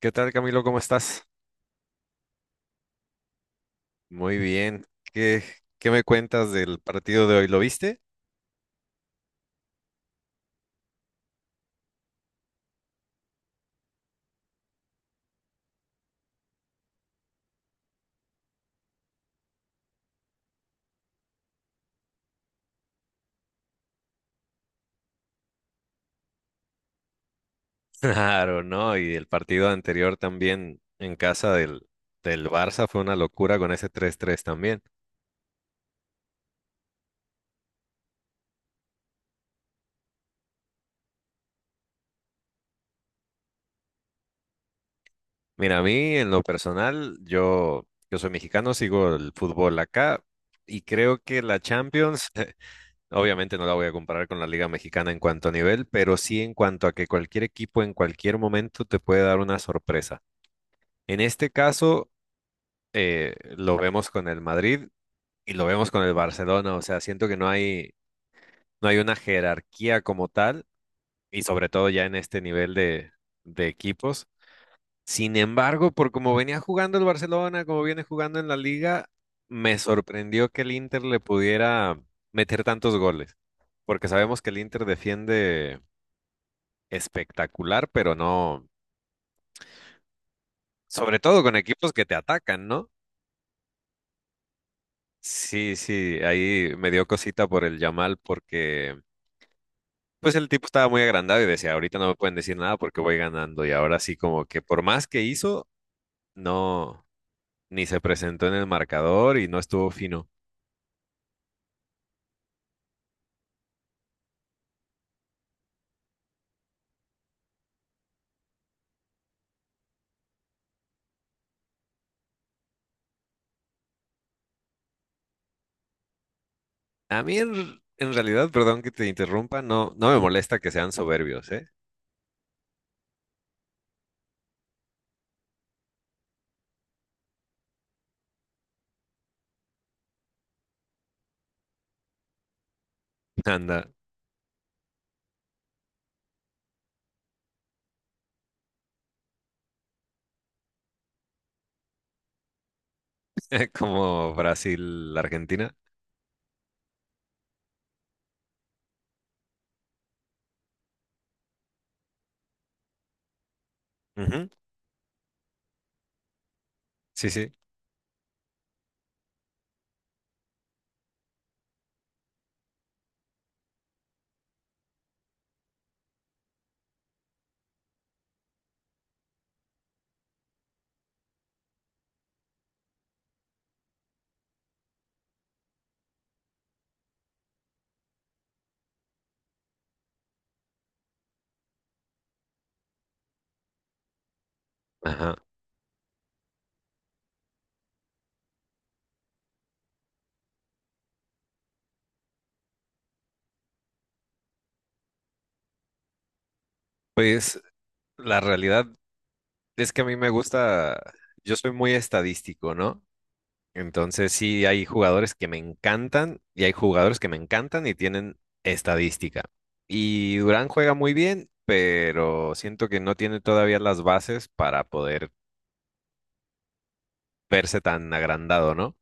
¿Qué tal, Camilo? ¿Cómo estás? Muy bien. ¿Qué, qué me cuentas del partido de hoy? ¿Lo viste? Claro, ¿no? Y el partido anterior también en casa del Barça fue una locura con ese 3-3 también. Mira, a mí en lo personal, yo soy mexicano, sigo el fútbol acá y creo que la Champions, obviamente no la voy a comparar con la Liga Mexicana en cuanto a nivel, pero sí en cuanto a que cualquier equipo en cualquier momento te puede dar una sorpresa. En este caso, lo vemos con el Madrid y lo vemos con el Barcelona. O sea, siento que no hay una jerarquía como tal, y sobre todo ya en este nivel de equipos. Sin embargo, por como venía jugando el Barcelona, como viene jugando en la liga, me sorprendió que el Inter le pudiera meter tantos goles, porque sabemos que el Inter defiende espectacular, pero no, sobre todo con equipos que te atacan, ¿no? Sí, sí, ahí me dio cosita por el Yamal porque Pues el tipo estaba muy agrandado y decía, ahorita no me pueden decir nada porque voy ganando. Y ahora sí, como que por más que hizo, no, ni se presentó en el marcador y no estuvo fino. A mí, en realidad, perdón que te interrumpa, no, no me molesta que sean soberbios, ¿eh? Anda, como Brasil, Argentina. Ujú. Sí, sí. Ajá. Pues la realidad es que a mí me gusta, yo soy muy estadístico, ¿no? Entonces sí hay jugadores que me encantan y hay jugadores que me encantan y tienen estadística. Y Durán juega muy bien, pero siento que no tiene todavía las bases para poder verse tan agrandado, ¿no?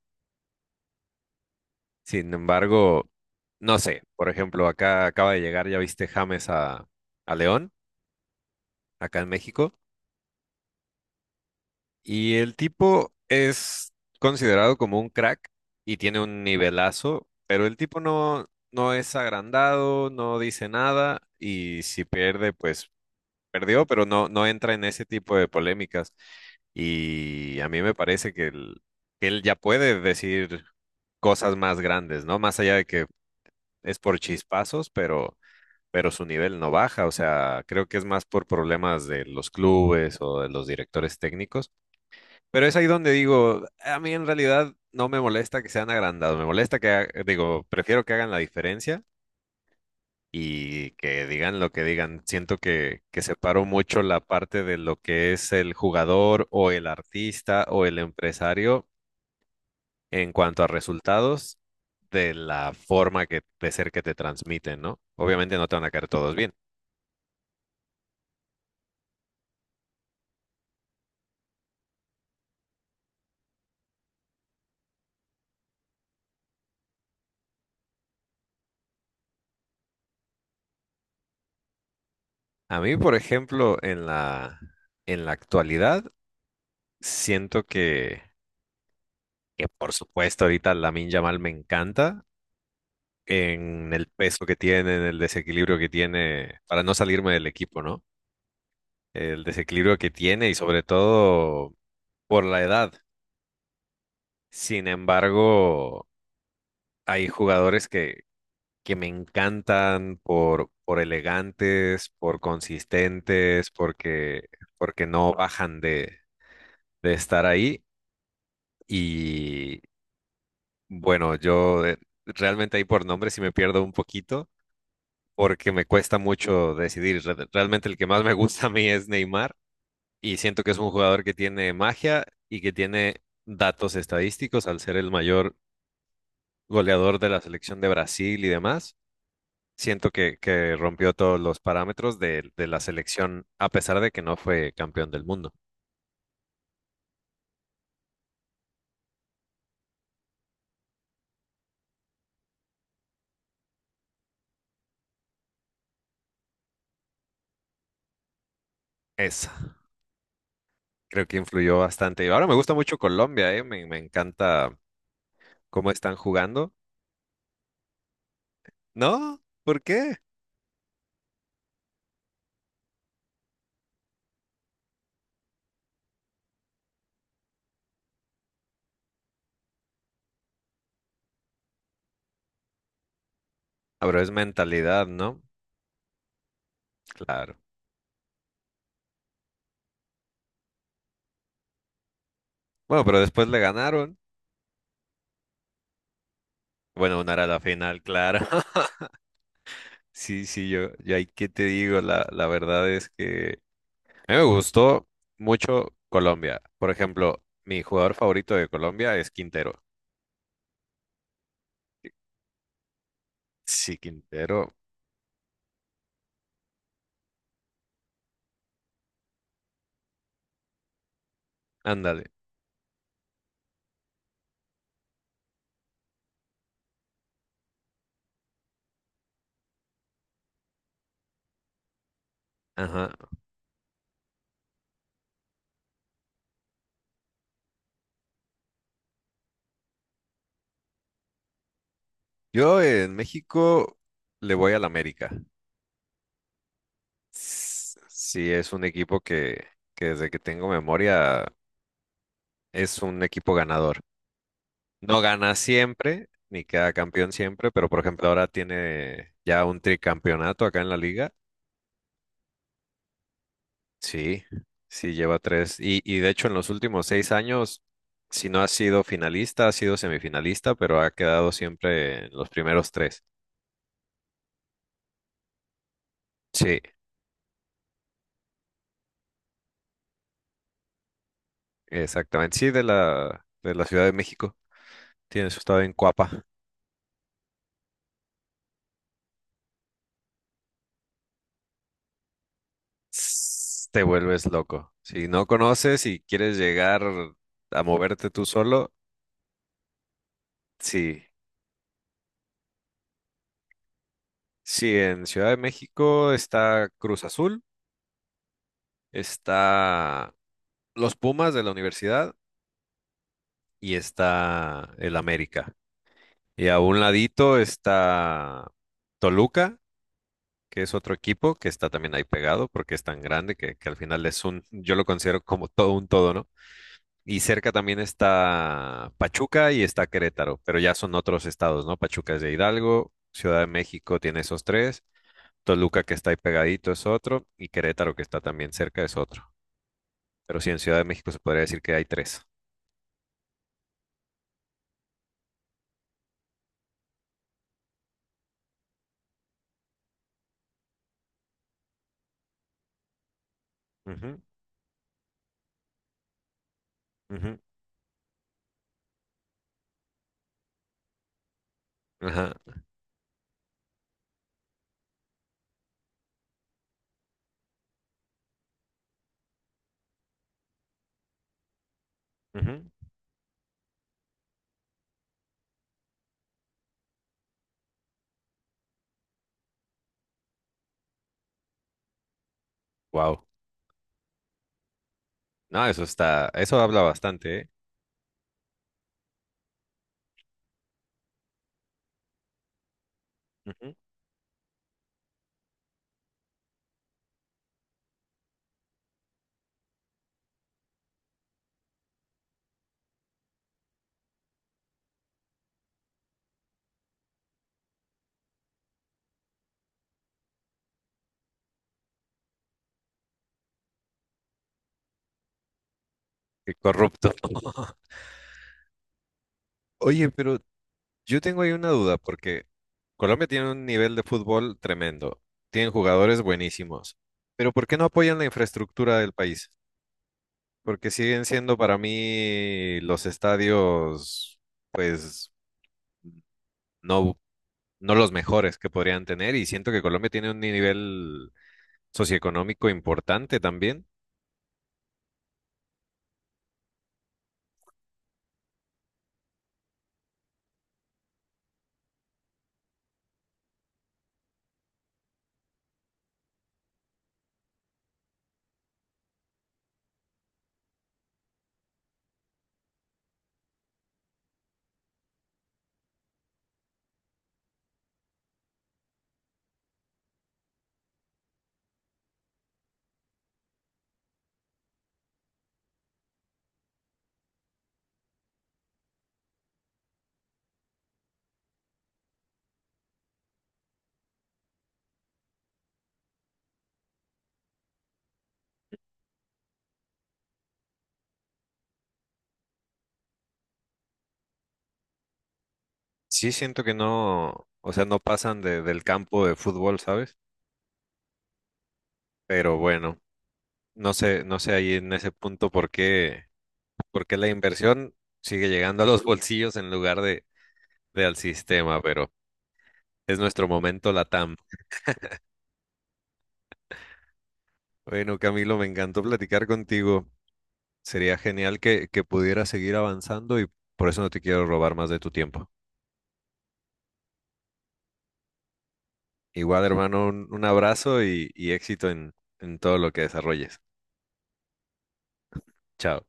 Sin embargo, no sé, por ejemplo, acá acaba de llegar, ya viste James a, León, acá en México. Y el tipo es considerado como un crack y tiene un nivelazo, pero el tipo no es agrandado, no dice nada y si pierde, pues perdió, pero no entra en ese tipo de polémicas. Y a mí me parece que él ya puede decir cosas más grandes, ¿no? Más allá de que es por chispazos, pero su nivel no baja. O sea, creo que es más por problemas de los clubes o de los directores técnicos, pero es ahí donde digo, a mí en realidad no me molesta que sean agrandados, me molesta que, ha- digo, prefiero que hagan la diferencia y que digan lo que digan. Siento que separo mucho la parte de lo que es el jugador o el artista o el empresario en cuanto a resultados de la forma que, de ser que te transmiten, ¿no? Obviamente no te van a caer todos bien. A mí, por ejemplo, en la actualidad, siento que por supuesto ahorita Lamine Yamal me encanta en el peso que tiene, en el desequilibrio que tiene, para no salirme del equipo, ¿no? El desequilibrio que tiene y sobre todo por la edad. Sin embargo, hay jugadores que me encantan por elegantes, por consistentes, porque no bajan de estar ahí. Y bueno, yo realmente ahí por nombre sí me pierdo un poquito porque me cuesta mucho decidir. Realmente el que más me gusta a mí es Neymar y siento que es un jugador que tiene magia y que tiene datos estadísticos al ser el mayor goleador de la selección de Brasil y demás. Siento que rompió todos los parámetros de la selección a pesar de que no fue campeón del mundo. Esa, creo que influyó bastante. Y ahora me gusta mucho Colombia. Me encanta cómo están jugando. ¿No? ¿Por qué? Ah, pero es mentalidad, ¿no? Claro. Bueno, pero después le ganaron. Bueno, una era la final, claro. Sí, sí, yo ahí que te digo, la verdad es que a mí me gustó mucho Colombia. Por ejemplo, mi jugador favorito de Colombia es Quintero. Sí, Quintero, ándale. Ajá. Yo en México le voy al América. Sí, es un equipo que desde que tengo memoria es un equipo ganador. No gana siempre, ni queda campeón siempre, pero por ejemplo ahora tiene ya un tricampeonato acá en la liga. Sí, sí, lleva tres. Y de hecho en los últimos seis años, si no ha sido finalista, ha sido semifinalista, pero ha quedado siempre en los primeros tres. Sí, exactamente. Sí, de la Ciudad de México. Tiene su estado en Coapa. Te vuelves loco. Si no conoces y quieres llegar a moverte tú solo, sí. Sí, en Ciudad de México está Cruz Azul, está los Pumas de la universidad y está el América. Y a un ladito está Toluca, que es otro equipo que está también ahí pegado porque es tan grande que al final yo lo considero como todo un todo, ¿no? Y cerca también está Pachuca y está Querétaro, pero ya son otros estados, ¿no? Pachuca es de Hidalgo, Ciudad de México tiene esos tres, Toluca que está ahí pegadito es otro y Querétaro que está también cerca es otro. Pero sí, en Ciudad de México se podría decir que hay tres. Ujú, ujú, ajá, ujú. Wow. No, eso está, eso habla bastante, ¿eh? Qué corrupto. Oye, pero yo tengo ahí una duda, porque Colombia tiene un nivel de fútbol tremendo, tienen jugadores buenísimos, pero ¿por qué no apoyan la infraestructura del país? Porque siguen siendo para mí los estadios, pues, no, no los mejores que podrían tener, y siento que Colombia tiene un nivel socioeconómico importante también. Sí, siento que no, o sea, no pasan del campo de fútbol, ¿sabes? Pero bueno. No sé ahí en ese punto por qué, la inversión sigue llegando a los bolsillos en lugar de al sistema, pero es nuestro momento LATAM. Bueno, Camilo, me encantó platicar contigo. Sería genial que pudieras seguir avanzando y por eso no te quiero robar más de tu tiempo. Igual, hermano, un abrazo y éxito en todo lo que desarrolles. Chao.